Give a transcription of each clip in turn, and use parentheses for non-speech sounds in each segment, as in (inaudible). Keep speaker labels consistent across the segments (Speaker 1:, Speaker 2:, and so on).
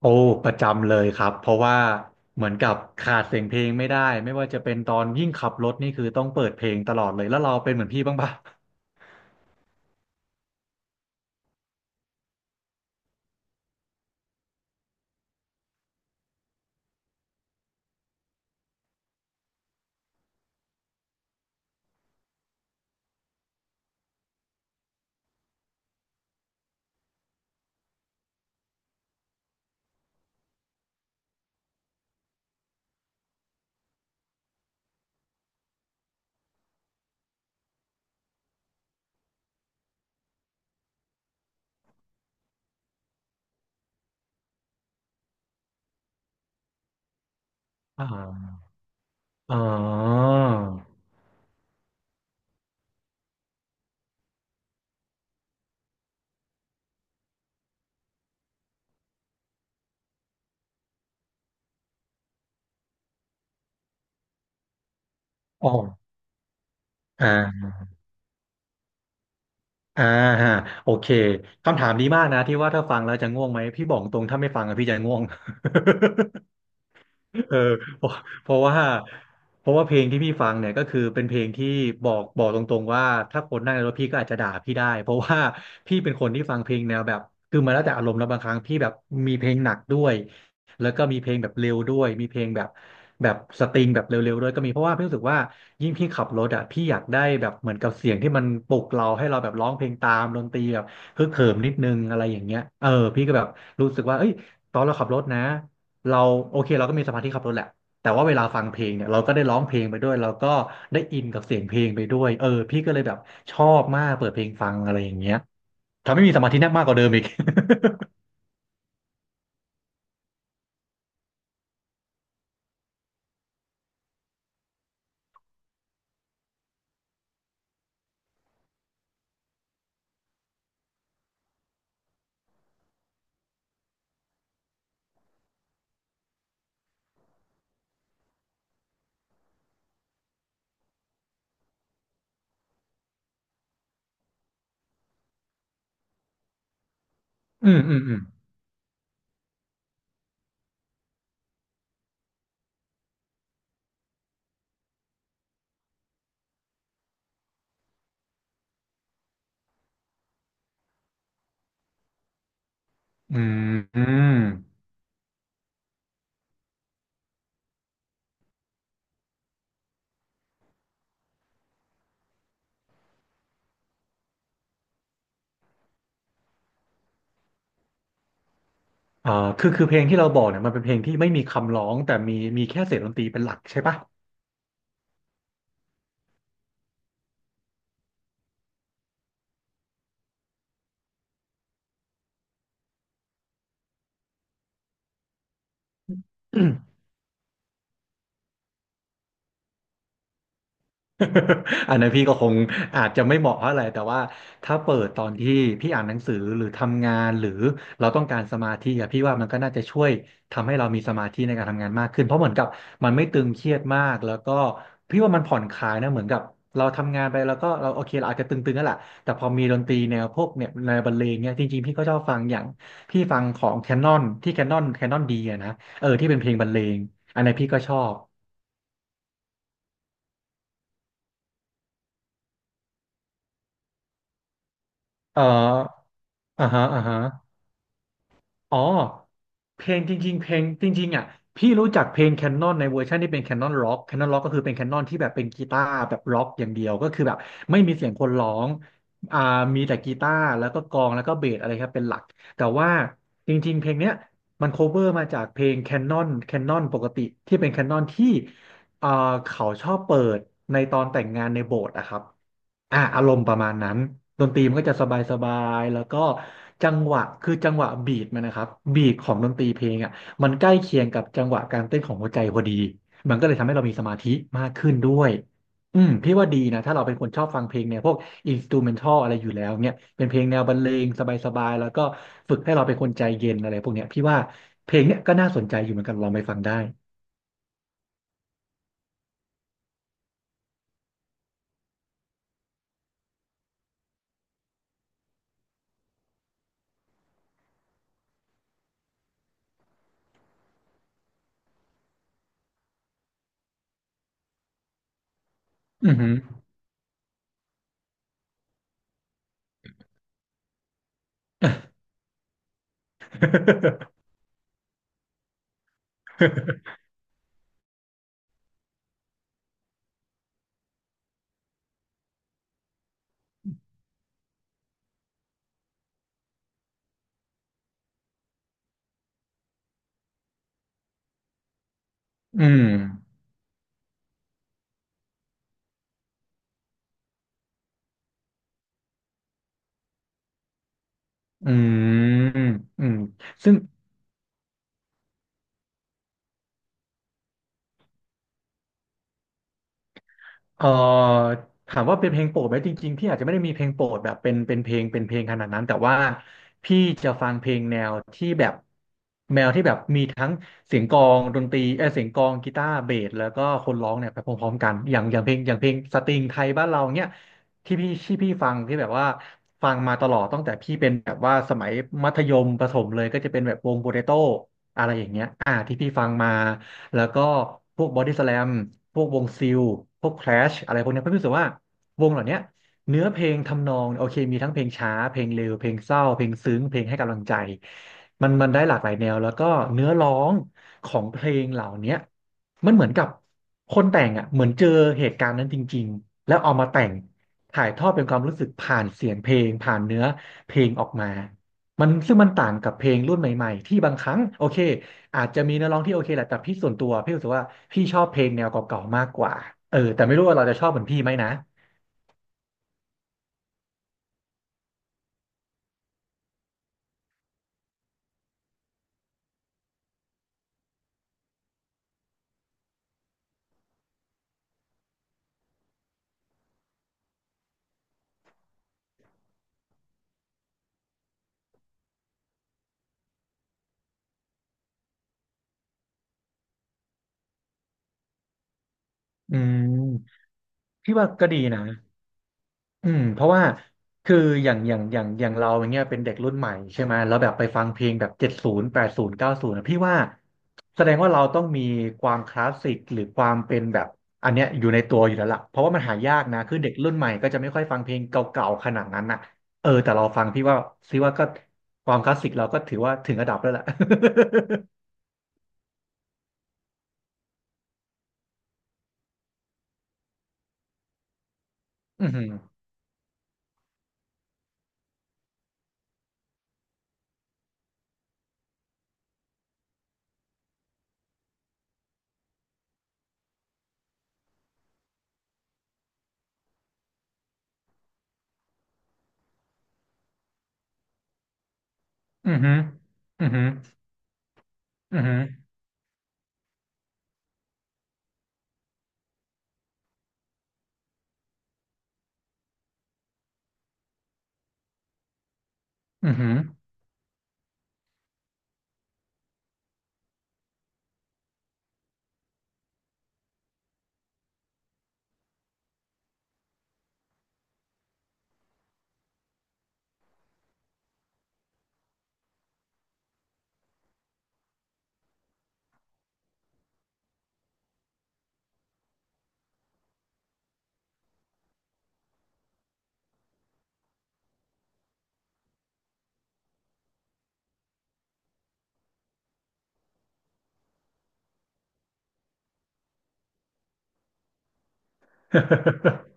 Speaker 1: โอ้ประจำเลยครับเพราะว่าเหมือนกับขาดเสียงเพลงไม่ได้ไม่ว่าจะเป็นตอนยิ่งขับรถนี่คือต้องเปิดเพลงตลอดเลยแล้วเราเป็นเหมือนพี่บ้างปะอ่าอ๋ออ๋ออ่าอ่าฮะโอเคคำถามดีมากนะที่ว่าถ้าฟังแล้วจะง่วงไหมพี่บอกตรงถ้าไม่ฟังอะพี่จะง่วง (laughs) เออเพราะเพราะว่าเพราะว่าเพลงที่พี่ฟังเนี่ยก็คือเป็นเพลงที่บอกตรงๆว่าถ้าคนนั่งในรถพี่ก็อาจจะด่าพี่ได้เพราะว่าพี่เป็นคนที่ฟังเพลงแนวแบบคือมาแล้วแต่อารมณ์แล้วบางครั้งพี่แบบมีเพลงหนักด้วยแล้วก็มีเพลงแบบเร็วด้วยมีเพลงแบบแบบสตริงแบบเร็วๆด้วยก็มีเพราะว่าพี่รู้สึกว่ายิ่งพี่ขับรถอ่ะพี่อยากได้แบบเหมือนกับเสียงที่มันปลุกเราให้เราแบบร้องเพลงตามดนตรีแบบฮึกเหิมนิดนึงอะไรอย่างเงี้ยเออพี่ก็แบบรู้สึกว่าเอ้ยตอนเราขับรถนะ เราโอเคเราก็มีสมาธิขับรถแหละแต่ว่าเวลาฟังเพลงเนี่ยเราก็ได้ร้องเพลงไปด้วยเราก็ได้อินกับเสียงเพลงไปด้วยเออพี่ก็เลยแบบชอบมากเปิดเพลงฟังอะไรอย่างเงี้ยทำให้มีสมาธิแนบมากกว่าเดิมอีก (laughs) อืมอืมอืมอืมอืมอ่าคือคือเพลงที่เราบอกเนี่ยมันเป็นเพลงที่ไม่มีคำร้องแต่มีแค่เสียงดนตรีเป็นหลักใช่ปะ (clears throat) (laughs) อันนั้นพี่ก็คงอาจจะไม่เหมาะเท่าไหร่แต่ว่าถ้าเปิดตอนที่พี่อ่านหนังสือหรือทำงานหรือเราต้องการสมาธิอะพี่ว่ามันก็น่าจะช่วยทำให้เรามีสมาธิในการทำงานมากขึ้นเพราะเหมือนกับมันไม่ตึงเครียดมากแล้วก็พี่ว่ามันผ่อนคลายนะเหมือนกับเราทำงานไปแล้วก็เราโอเคเราอาจจะตึงๆนั่นแหละแต่พอมีดนตรีแนวพวกเนี่ยแนวบรรเลงเนี่ยจริงๆพี่ก็ชอบฟังอย่างพี่ฟังของแคนนอนที่แคนนอนดีอะนะเออที่เป็นเพลงบรรเลงอันนี้นพี่ก็ชอบเอออ่าฮะอ่าฮะ อ๋อเพลงจริงๆเพลงจริงๆอ่ะพี่รู้จักเพลงแคนนอนในเวอร์ชันที่เป็นแคนนอนร็อกแคนนอนร็อกก็คือเป็นแคนนอนที่แบบเป็นกีตาร์แบบร็อกอย่างเดียวก็คือแบบไม่มีเสียงคนร้องอ่ามีแต่กีตาร์แล้วก็กลองแล้วก็เบสอะไรครับเป็นหลักแต่ว่าจริงๆเพลงเนี้ยมันโคเวอร์มาจากเพลงแคนนอนปกติที่เป็นแคนนอนที่อ่าเขาชอบเปิดในตอนแต่งงานในโบสถ์อะครับ อ่ะอารมณ์ประมาณนั้นดนตรีมันก็จะสบายสบายแล้วก็จังหวะคือจังหวะบีทมันนะครับบีทของดนตรีเพลงอ่ะมันใกล้เคียงกับจังหวะการเต้นของหัวใจพอดีมันก็เลยทำให้เรามีสมาธิมากขึ้นด้วยอืมพี่ว่าดีนะถ้าเราเป็นคนชอบฟังเพลงเนี่ยพวกอินสตูเมนทัลอะไรอยู่แล้วเนี่ยเป็นเพลงแนวบรรเลงสบายๆแล้วก็ฝึกให้เราเป็นคนใจเย็นอะไรพวกเนี้ยพี่ว่าเพลงเนี่ยก็น่าสนใจอยู่เหมือนกันลองไปฟังได้อือหือ (laughs) อืมอืมอืมซึ่ง เอ่อถามว่าเป็นเพลงโปรดไหมจริงๆพี่อาจจะไม่ได้มีเพลงโปรดแบบเป็นเพลงขนาดนั้นแต่ว่าพี่จะฟังเพลงแนวที่แบบแนวที่แบบมีทั้งเสียงกลองดนตรีเออเสียงกลองกีตาร์เบสแล้วก็คนร้องเนี่ยไปพร้อมๆกันอย่างอย่างเพลงอย่างเพลงสตริงไทยบ้านเราเนี่ยที่พี่ฟังที่แบบว่าฟังมาตลอดตั้งแต่พี่เป็นแบบว่าสมัยมัธยมประถมเลยก็จะเป็นแบบวงโปเตโต้อะไรอย่างเงี้ยอ่าที่พี่ฟังมา แล้วก็พวกบอดี้สแลมพวกวงซิลพวกแคลชอะไรพวกเนี้ยเพื่อนรู้สึกว่าวงเหล่าเนี้ยเนื้อเพลงทำนองโอเคมีทั้งเพลงช้าเพลงเร็วเพลงเศร้าเพลงซึ้งเพลงให้กำลังใจมันได้หลากหลายแนวแล้วก็เนื้อร้องของเพลงเหล่าเนี้ยมันเหมือนกับคนแต่งอ่ะเหมือนเจอเหตุการณ์นั้นจริงๆแล้วเอามาแต่งถ่ายทอดเป็นความรู้สึกผ่านเสียงเพลงผ่านเนื้อเพลงออกมาซึ่งมันต่างกับเพลงรุ่นใหม่ๆที่บางครั้งโอเค อาจจะมีเนื้อร้องที่โอเคแหละแต่พี่ส่วนตัวพี่รู้สึกว่าพี่ชอบเพลงแนวเก่าๆมากกว่าเออแต่ไม่รู้ว่าเราจะชอบเหมือนพี่ไหมนะอืมพี่ว่าก็ดีนะ อืมเพราะว่าคืออย่างเราอย่างเงี้ยเป็นเด็กรุ่นใหม่ใช่ไหมแล้วแบบไปฟังเพลงแบบ70 80 90พี่ว่าแสดงว่าเราต้องมีความคลาสสิกหรือความเป็นแบบอันเนี้ยอยู่ในตัวอยู่แล้วล่ะเพราะว่ามันหายากนะคือเด็กรุ่นใหม่ก็จะไม่ค่อยฟังเพลงเก่าๆขนาดนั้นน่ะเออแต่เราฟังพี่ว่าซิว่าก็ความคลาสสิกเราก็ถือว่าถึงระดับแล้วแหละ (laughs) อือหืออือหืออือหืออือหืออือหือ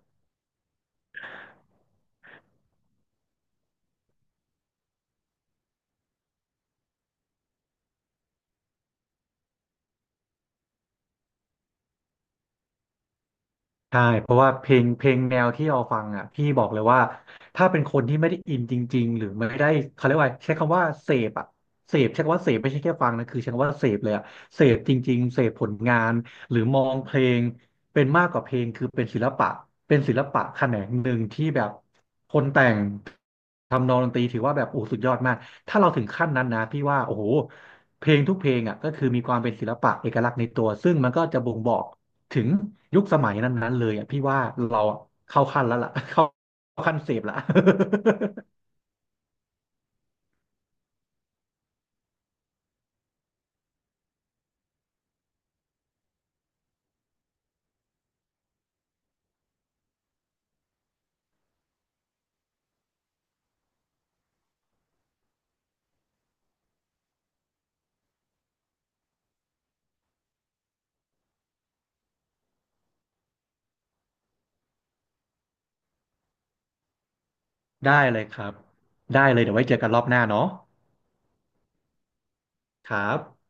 Speaker 1: ใช่เพราะว่าเพลงแนวที่เราฟังอ่ะพี่บอกเลยว่าถ้าเป็นคนที่ไม่ได้อินจริงๆหรือไม่ได้เขาเรียกว่าใช้คำว่าเสพอ่ะเสพใช้คำว่าเสพไม่ใช่แค่ฟังนะคือใช้คำว่าเสพเลยอ่ะเสพจริงๆเสพผลงานหรือมองเพลงเป็นมากกว่าเพลงคือเป็นศิลปะเป็นศิลปะแขนงหนึ่งที่แบบคนแต่งทำนองดนตรีถือว่าแบบโอ้สุดยอดมากถ้าเราถึงขั้นนั้นนะพี่ว่าโอ้โหเพลงทุกเพลงอ่ะก็คือมีความเป็นศิลปะเอกลักษณ์ในตัวซึ่งมันก็จะบ่งบอก ถึงยุคสมัยนั้นๆเลยอ่ะพี่ว่าเราอะเข้าขั้นแล้วล่ะ (laughs) เข้าขั้นเสพละ (laughs) ได้เลยครับได้เลยเดี๋ยวไว้เจอกันรอบหน้าเนาะครับ